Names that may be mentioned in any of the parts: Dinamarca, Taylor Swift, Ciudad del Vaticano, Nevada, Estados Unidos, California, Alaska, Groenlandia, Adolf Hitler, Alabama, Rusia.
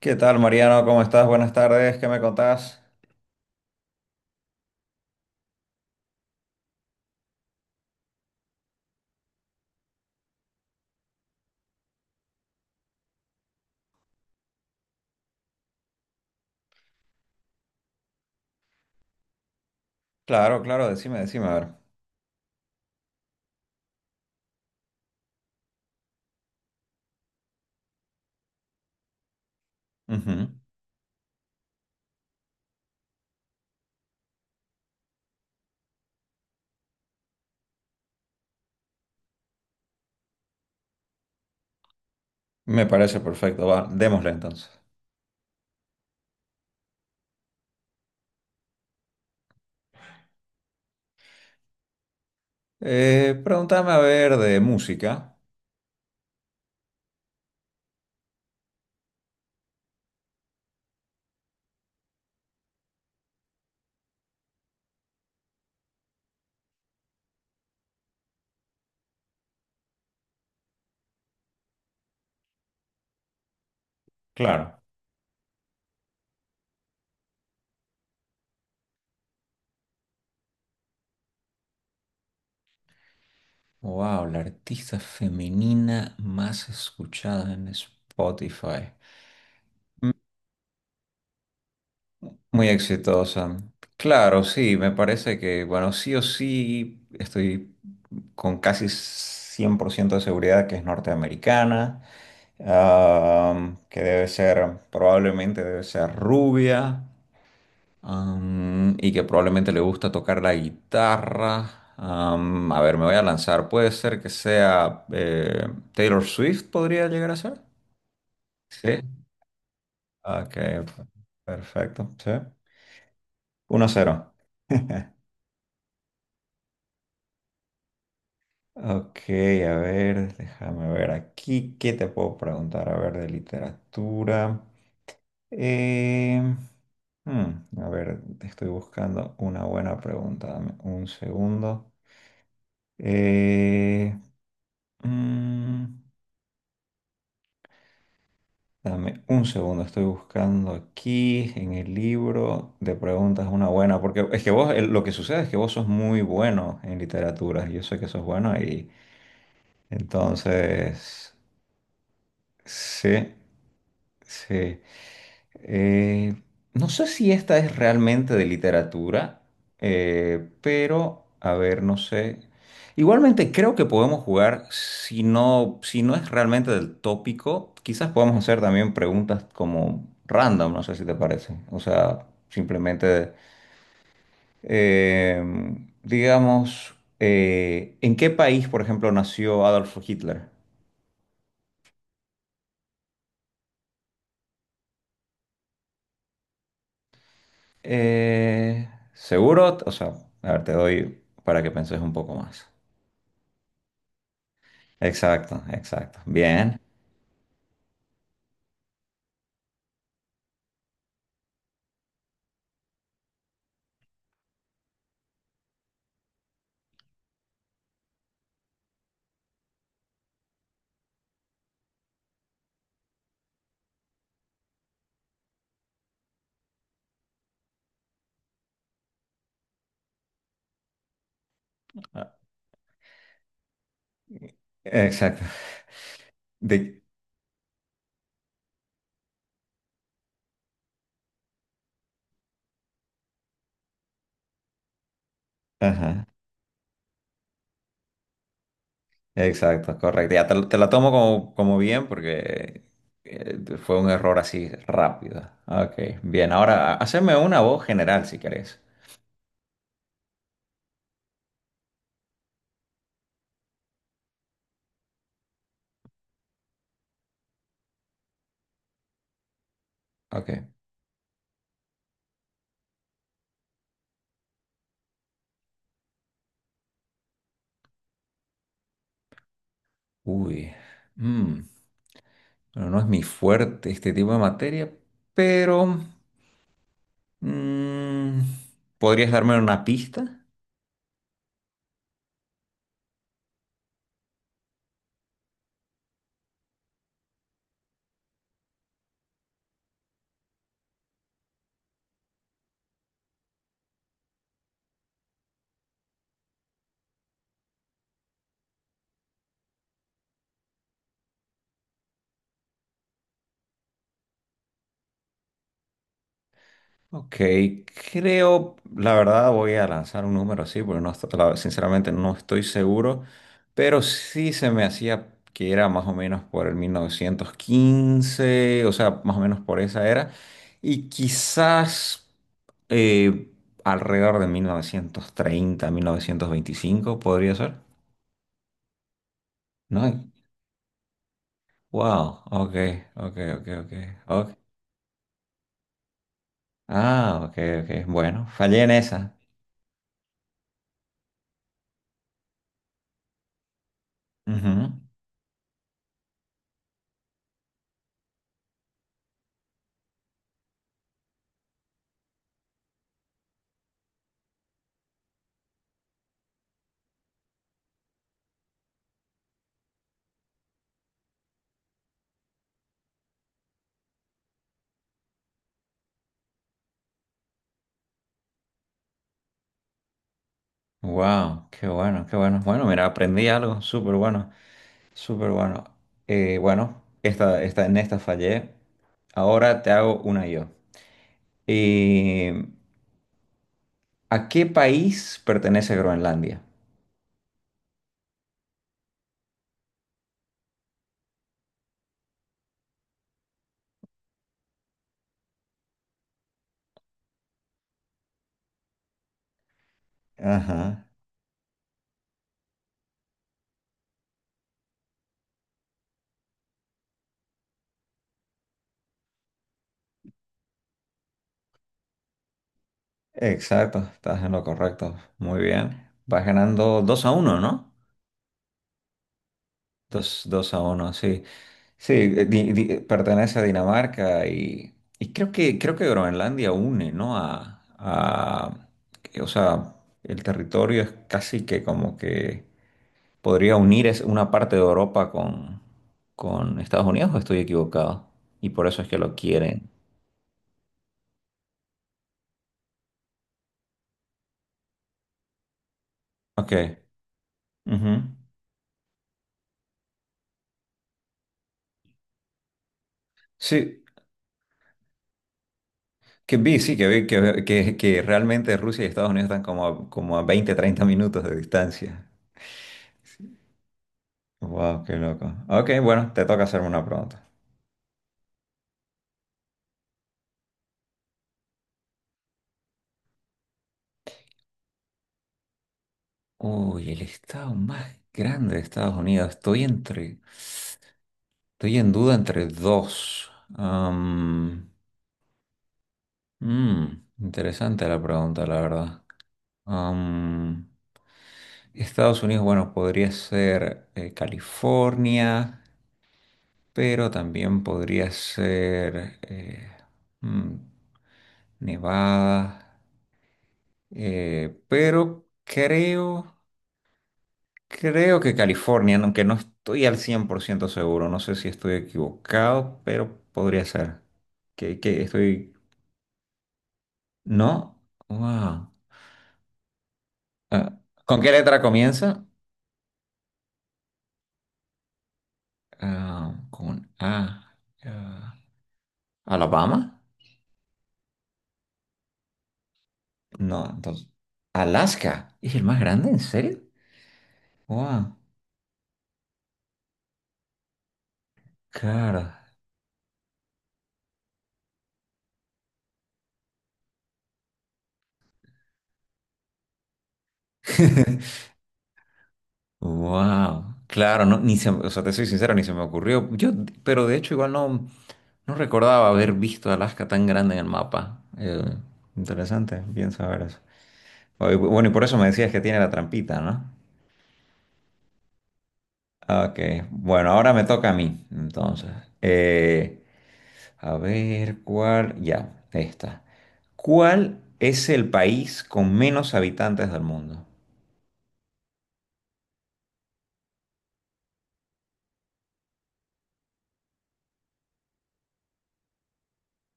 ¿Qué tal, Mariano? ¿Cómo estás? Buenas tardes. ¿Qué me contás? Claro, claro, decime, decime, a ver. Ujú. Me parece perfecto. Va, démosle entonces. Pregúntame a ver de música. Claro. Wow, la artista femenina más escuchada en Spotify. Muy exitosa. Claro, sí, me parece que, bueno, sí o sí, estoy con casi 100% de seguridad que es norteamericana, ah, que debe ser, probablemente debe ser rubia, y que probablemente le gusta tocar la guitarra. A ver, me voy a lanzar. Puede ser que sea Taylor Swift, podría llegar a ser. Sí. Ok, perfecto, sí. 1-0. Ok, a ver, déjame ver aquí qué te puedo preguntar, a ver, de literatura. Em, hmm, a ver, te estoy buscando una buena pregunta, dame un segundo. Eh, mm, dame un segundo, estoy buscando aquí en el libro de preguntas una buena, porque es que vos, lo que sucede es que vos sos muy bueno en literatura, yo sé que sos bueno y entonces, sí. Sí, Eh, no sé si esta es realmente de literatura, pero a ver, no sé. Igualmente creo que podemos jugar, si no, si no es realmente del tópico, quizás podamos hacer también preguntas como random, no sé si te parece. O sea, simplemente, eh, digamos, ¿en qué país, por ejemplo, nació Adolf Hitler? Eh, seguro, o sea, a ver, te doy para que penses un poco más. Exacto, exacto. Bien. Ah, exacto. De- ajá, exacto, correcto. Te la tomo como bien porque fue un error así rápido. Ok, bien. Ahora, haceme una voz general si querés. Ok. Uy. mm, bueno, no es mi fuerte este tipo de materia, pero. Mm, ¿podrías darme una pista? Ok, creo, la verdad voy a lanzar un número así, porque no, sinceramente no estoy seguro, pero sí se me hacía que era más o menos por el 1915, o sea, más o menos por esa era, y quizás eh, alrededor de mil novecientos treinta, 1925, podría ser, ¿no? Wow, ok, ok, ok, ok, ok. Ah, ok, ok, bueno, fallé en esa. Ujú. Wow, qué bueno, qué bueno. Bueno, mira, aprendí algo súper bueno, súper bueno. Bueno, en esta fallé. Ahora te hago una yo. Eh, ¿a qué país pertenece Groenlandia? Ajá, exacto, estás en lo correcto. Muy bien. Vas ganando 2-1, ¿no? Dos a uno, sí. Sí, pertenece a Dinamarca y creo que Groenlandia une, ¿no? Que, o sea, el territorio es casi que como que podría unir es una parte de Europa con Estados Unidos, ¿o estoy equivocado? Y por eso es que lo quieren. Ok. Ujú. Sí, sí, que vi que realmente Rusia y Estados Unidos están como a 20 30 minutos de distancia. Wow, qué loco. Ok, bueno, te toca hacerme una pregunta. Uy, el estado más grande de Estados Unidos. Estoy en duda entre dos. Am, interesante la pregunta, la verdad. Am, Estados Unidos, bueno, podría ser California, pero también podría ser mm, Nevada. Pero creo. Creo que California, aunque no estoy al 100% seguro, no sé si estoy equivocado, pero podría ser. Que estoy. ¿No? Wow. Ah, ¿con qué letra comienza? Ah, con A. Ah, ¿Alabama? No, entonces. ¿Alaska? ¿Es el más grande? ¿En serio? Wow. Claro. Wow. Claro, no, ni o sea, te soy sincero, ni se me ocurrió. Yo, pero de hecho, igual no. No recordaba haber visto Alaska tan grande en el mapa. Interesante, bien saber eso. Oh, y bueno, y por eso me decías que tiene la trampita, ¿no? Ah, ok, bueno, ahora me toca a mí, entonces. Eh, a ver cuál. Ya, esta. ¿Cuál es el país con menos habitantes del mundo?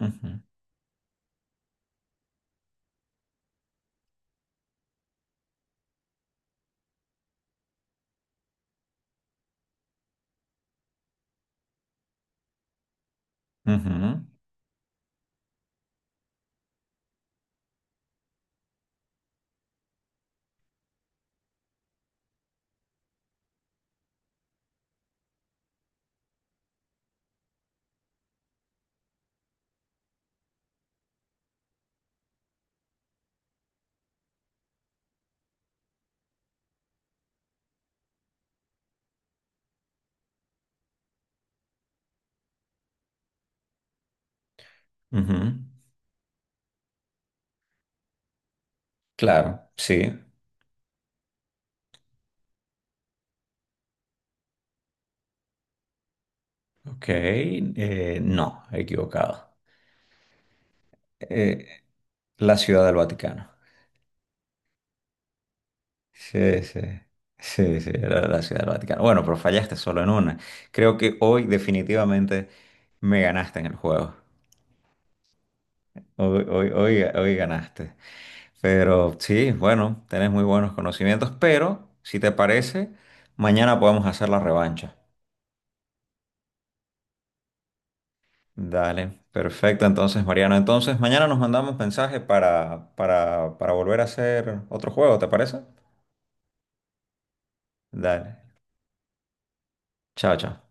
Ujú, ujú, ujú. Claro, sí. Ok, no, equivocado. Eh, la Ciudad del Vaticano. Sí, sí, sí, sí, era la Ciudad del Vaticano. Bueno, pero fallaste solo en una. Creo que hoy definitivamente me ganaste en el juego. Hoy, hoy, hoy, hoy ganaste. Pero sí, bueno, tenés muy buenos conocimientos, pero si te parece, mañana podemos hacer la revancha. Dale, perfecto entonces, Mariano. Entonces, mañana nos mandamos mensaje para volver a hacer otro juego, ¿te parece? Dale. Chao, chao.